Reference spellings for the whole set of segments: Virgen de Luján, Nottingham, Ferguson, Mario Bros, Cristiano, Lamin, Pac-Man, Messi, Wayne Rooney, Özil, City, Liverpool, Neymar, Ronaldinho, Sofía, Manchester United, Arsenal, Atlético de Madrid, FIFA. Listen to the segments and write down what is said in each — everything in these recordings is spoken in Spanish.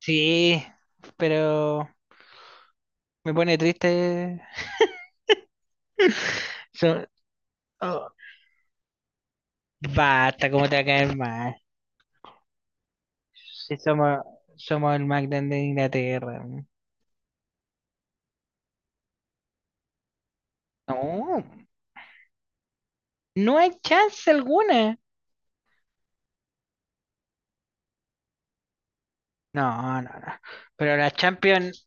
Sí, pero me pone triste. So- oh, basta, ¿cómo te va a caer mal? Si somos el más grande de Inglaterra. No, no hay chance alguna. No, no, no. Pero la Champions,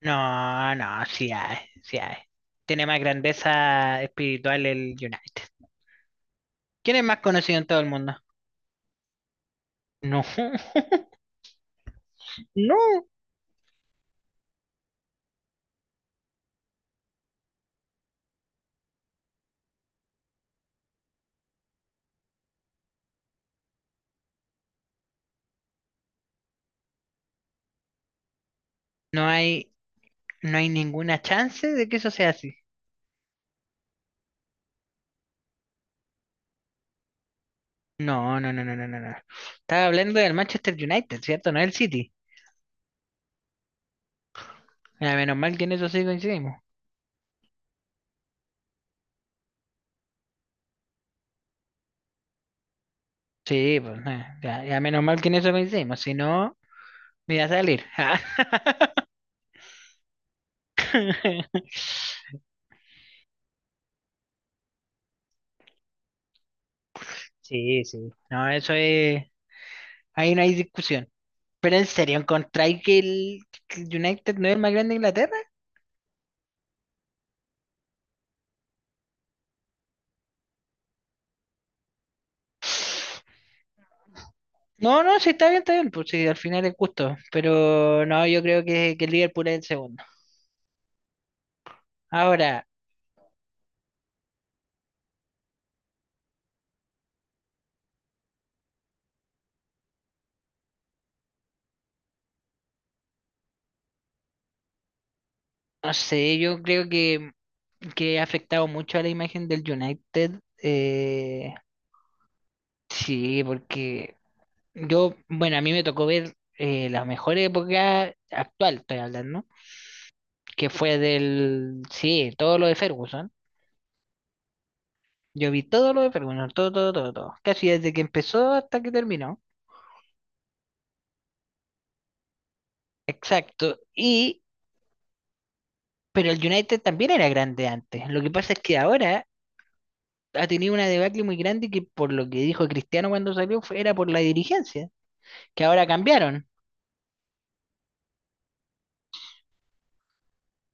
no, no, sí hay, sí hay. Tiene más grandeza espiritual el United. ¿Quién es más conocido en todo el mundo? No, no, no hay, no hay ninguna chance de que eso sea así. No, no, no, no, no, no, no. Estaba hablando del Manchester United, ¿cierto? No el City. Ya, menos mal que en eso sí coincidimos. Sí, pues, ya, ya menos mal que en eso coincidimos. Si no, me iba a salir. Sí, sí. No, eso es. Ahí no hay discusión. Pero en serio, ¿encontráis que el United no es el más grande de Inglaterra? No, no, sí, está bien, está bien. Pues sí, al final es justo. Pero no, yo creo que el Liverpool es el segundo. Ahora, no sé, yo creo que ha afectado mucho a la imagen del United. Sí, porque yo, bueno, a mí me tocó ver la mejor época actual, estoy hablando, que fue del, sí, todo lo de Ferguson. Yo vi todo lo de Ferguson, todo, todo, todo, todo. Casi desde que empezó hasta que terminó. Exacto. Pero el United también era grande antes. Lo que pasa es que ahora ha tenido una debacle muy grande que por lo que dijo Cristiano cuando salió era por la dirigencia, que ahora cambiaron.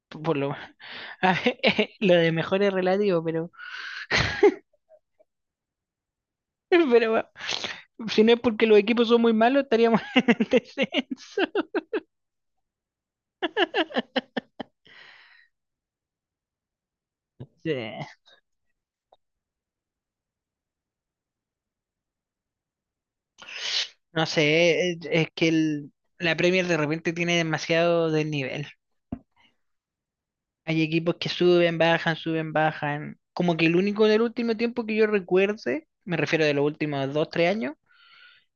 Por lo, A ver, lo de mejor es relativo, pero, pero bueno, si no es porque los equipos son muy malos, estaríamos en descenso. Sí, no sé, es que la Premier de repente tiene demasiado desnivel. Hay equipos que suben, bajan, suben, bajan. Como que el único del último tiempo que yo recuerde, me refiero de los últimos dos, tres años,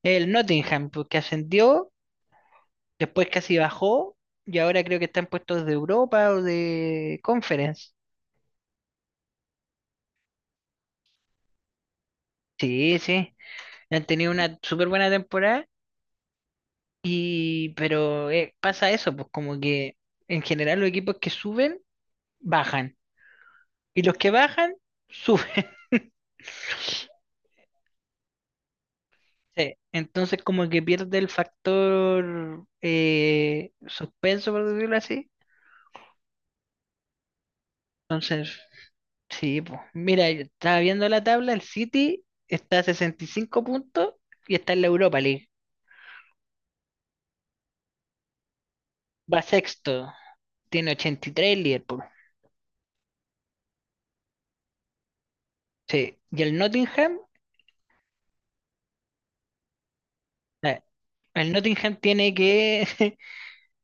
es el Nottingham, pues, que ascendió, después casi bajó, y ahora creo que está en puestos de Europa o de Conference. Sí, sí. Han tenido una súper buena temporada, pero pasa eso, pues como que en general los equipos que suben, bajan. Y los que bajan, suben. Sí, entonces como que pierde el factor suspenso, por decirlo así. Entonces, sí, pues mira, yo estaba viendo la tabla, el City está a 65 puntos y está en la Europa League. Va sexto, tiene 83 el Liverpool. Sí, Eh, El Nottingham tiene que...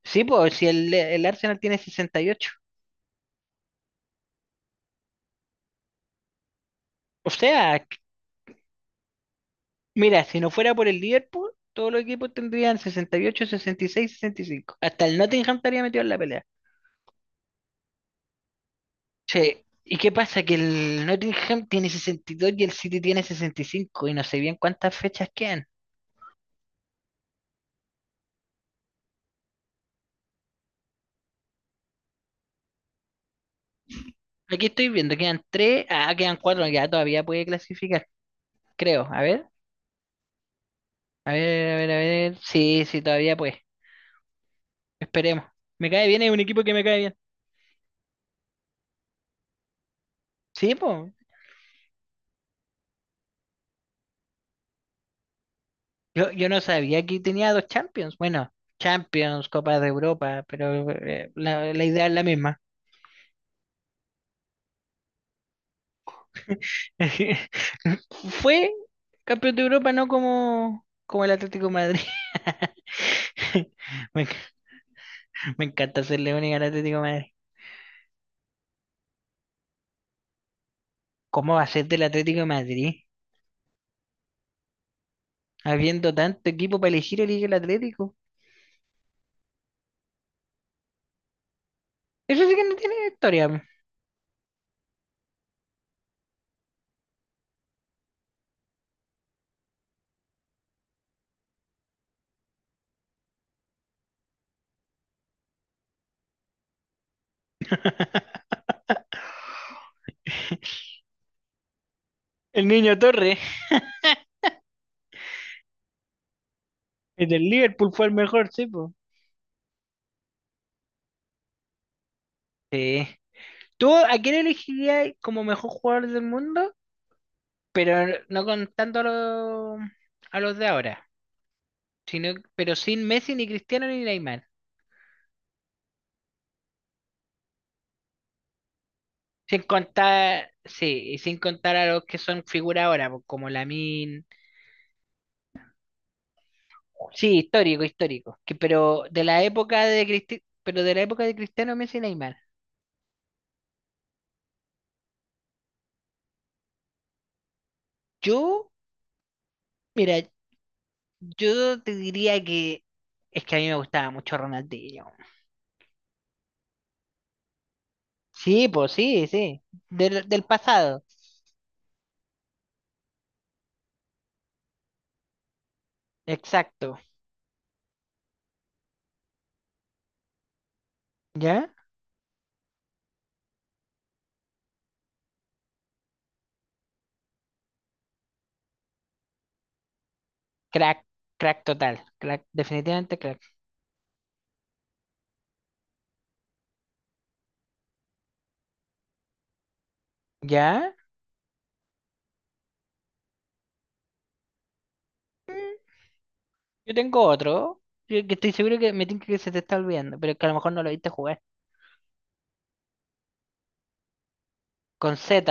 Sí, pues si el Arsenal tiene 68. O sea, mira, si no fuera por el Liverpool, todos los equipos tendrían sesenta y ocho, 66, 65. Hasta el Nottingham estaría metido en la pelea. Che, ¿y qué pasa? Que el Nottingham tiene 62 y el City tiene 65 y no sé bien cuántas fechas quedan. Aquí estoy viendo, quedan tres, ah, quedan cuatro, ya todavía puede clasificar, creo. A ver, a ver, a ver, a ver. Sí, sí, todavía puede. Esperemos. Me cae bien, es un equipo que me cae bien. Sí, pues. Yo no sabía que tenía dos Champions. Bueno, Champions, Copa de Europa, pero la idea es la misma. Fue campeón de Europa, no como el Atlético de Madrid. Me, enc- me encanta ser única al Atlético de Madrid. ¿Cómo va a ser del Atlético de Madrid? Habiendo tanto equipo para elegir, elige el Atlético. Eso sí que no tiene historia. El niño Torre, el del Liverpool, fue el mejor, sí, po. Sí. ¿Tú a quién elegirías como mejor jugador del mundo? Pero no contando a los de ahora, sino, pero sin Messi, ni Cristiano, ni Neymar. Sin contar, sí, y sin contar a los que son figura ahora, po, como Lamin. Sí, histórico, histórico. Que, pero de la época de Cristi- pero de la época de Cristiano, Messi y Neymar. Yo, mira, yo te diría que es que a mí me gustaba mucho Ronaldinho. Sí, pues sí, sí. Del pasado. Exacto. ¿Ya? Crack, crack total. Crack, definitivamente crack. ¿Ya? Mm, Yo tengo otro. Que estoy seguro que me tinca que se te está olvidando, pero que a lo mejor no lo viste jugar. Con Z.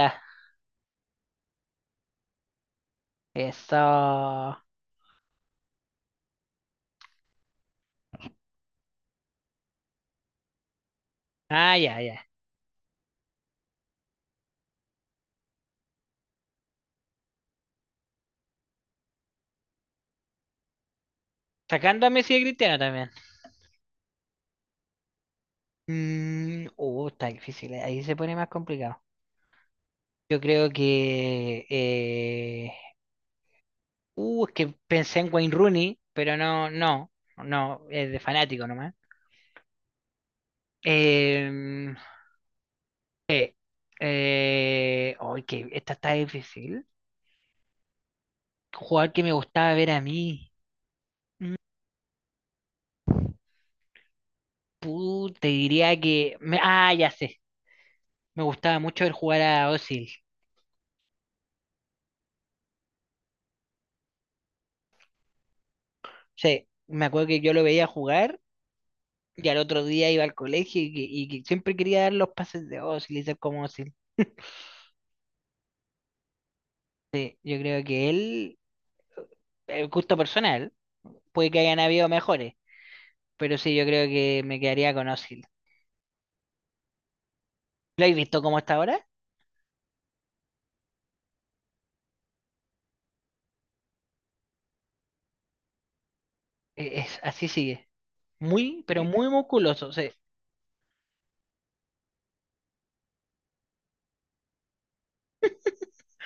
Eso. Ah, ya, ya. Sacando a Messi y a Cristiano también. Está difícil. Ahí se pone más complicado. Yo creo que. Es que pensé en Wayne Rooney, pero no, no. No, es de fanático nomás. Em, Uy, que esta está difícil. Jugador que me gustaba ver a mí. Puta, te diría que. Ah, ya sé. Me gustaba mucho ver jugar a Özil. Sí, me acuerdo que yo lo veía jugar y al otro día iba al colegio y que siempre quería dar los pases de Özil y ser como Özil. Sí, yo creo que él, el gusto personal, puede que hayan habido mejores, pero sí, yo creo que me quedaría con Özil. ¿Lo habéis visto cómo está ahora? Es, así sigue. Muy, pero muy musculoso. Sí.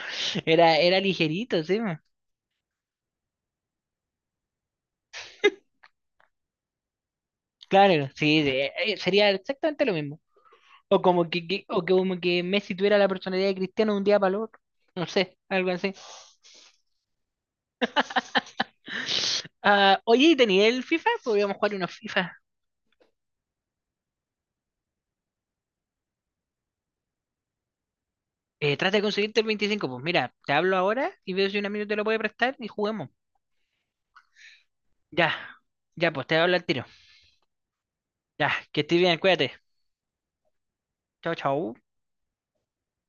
Era ligerito, sí. Claro, sí, sí, sería exactamente lo mismo. O que como que Messi tuviera la personalidad de Cristiano de un día para el otro. No sé, algo así. Ah, oye, ¿y tenía el FIFA? Podríamos jugar unos FIFA. Trata de conseguirte el 25. Pues mira, te hablo ahora y veo si un amigo te lo puede prestar y juguemos. Ya, ya, pues te hablo al tiro. Ya, que estés bien, cuídate. Chao, chao.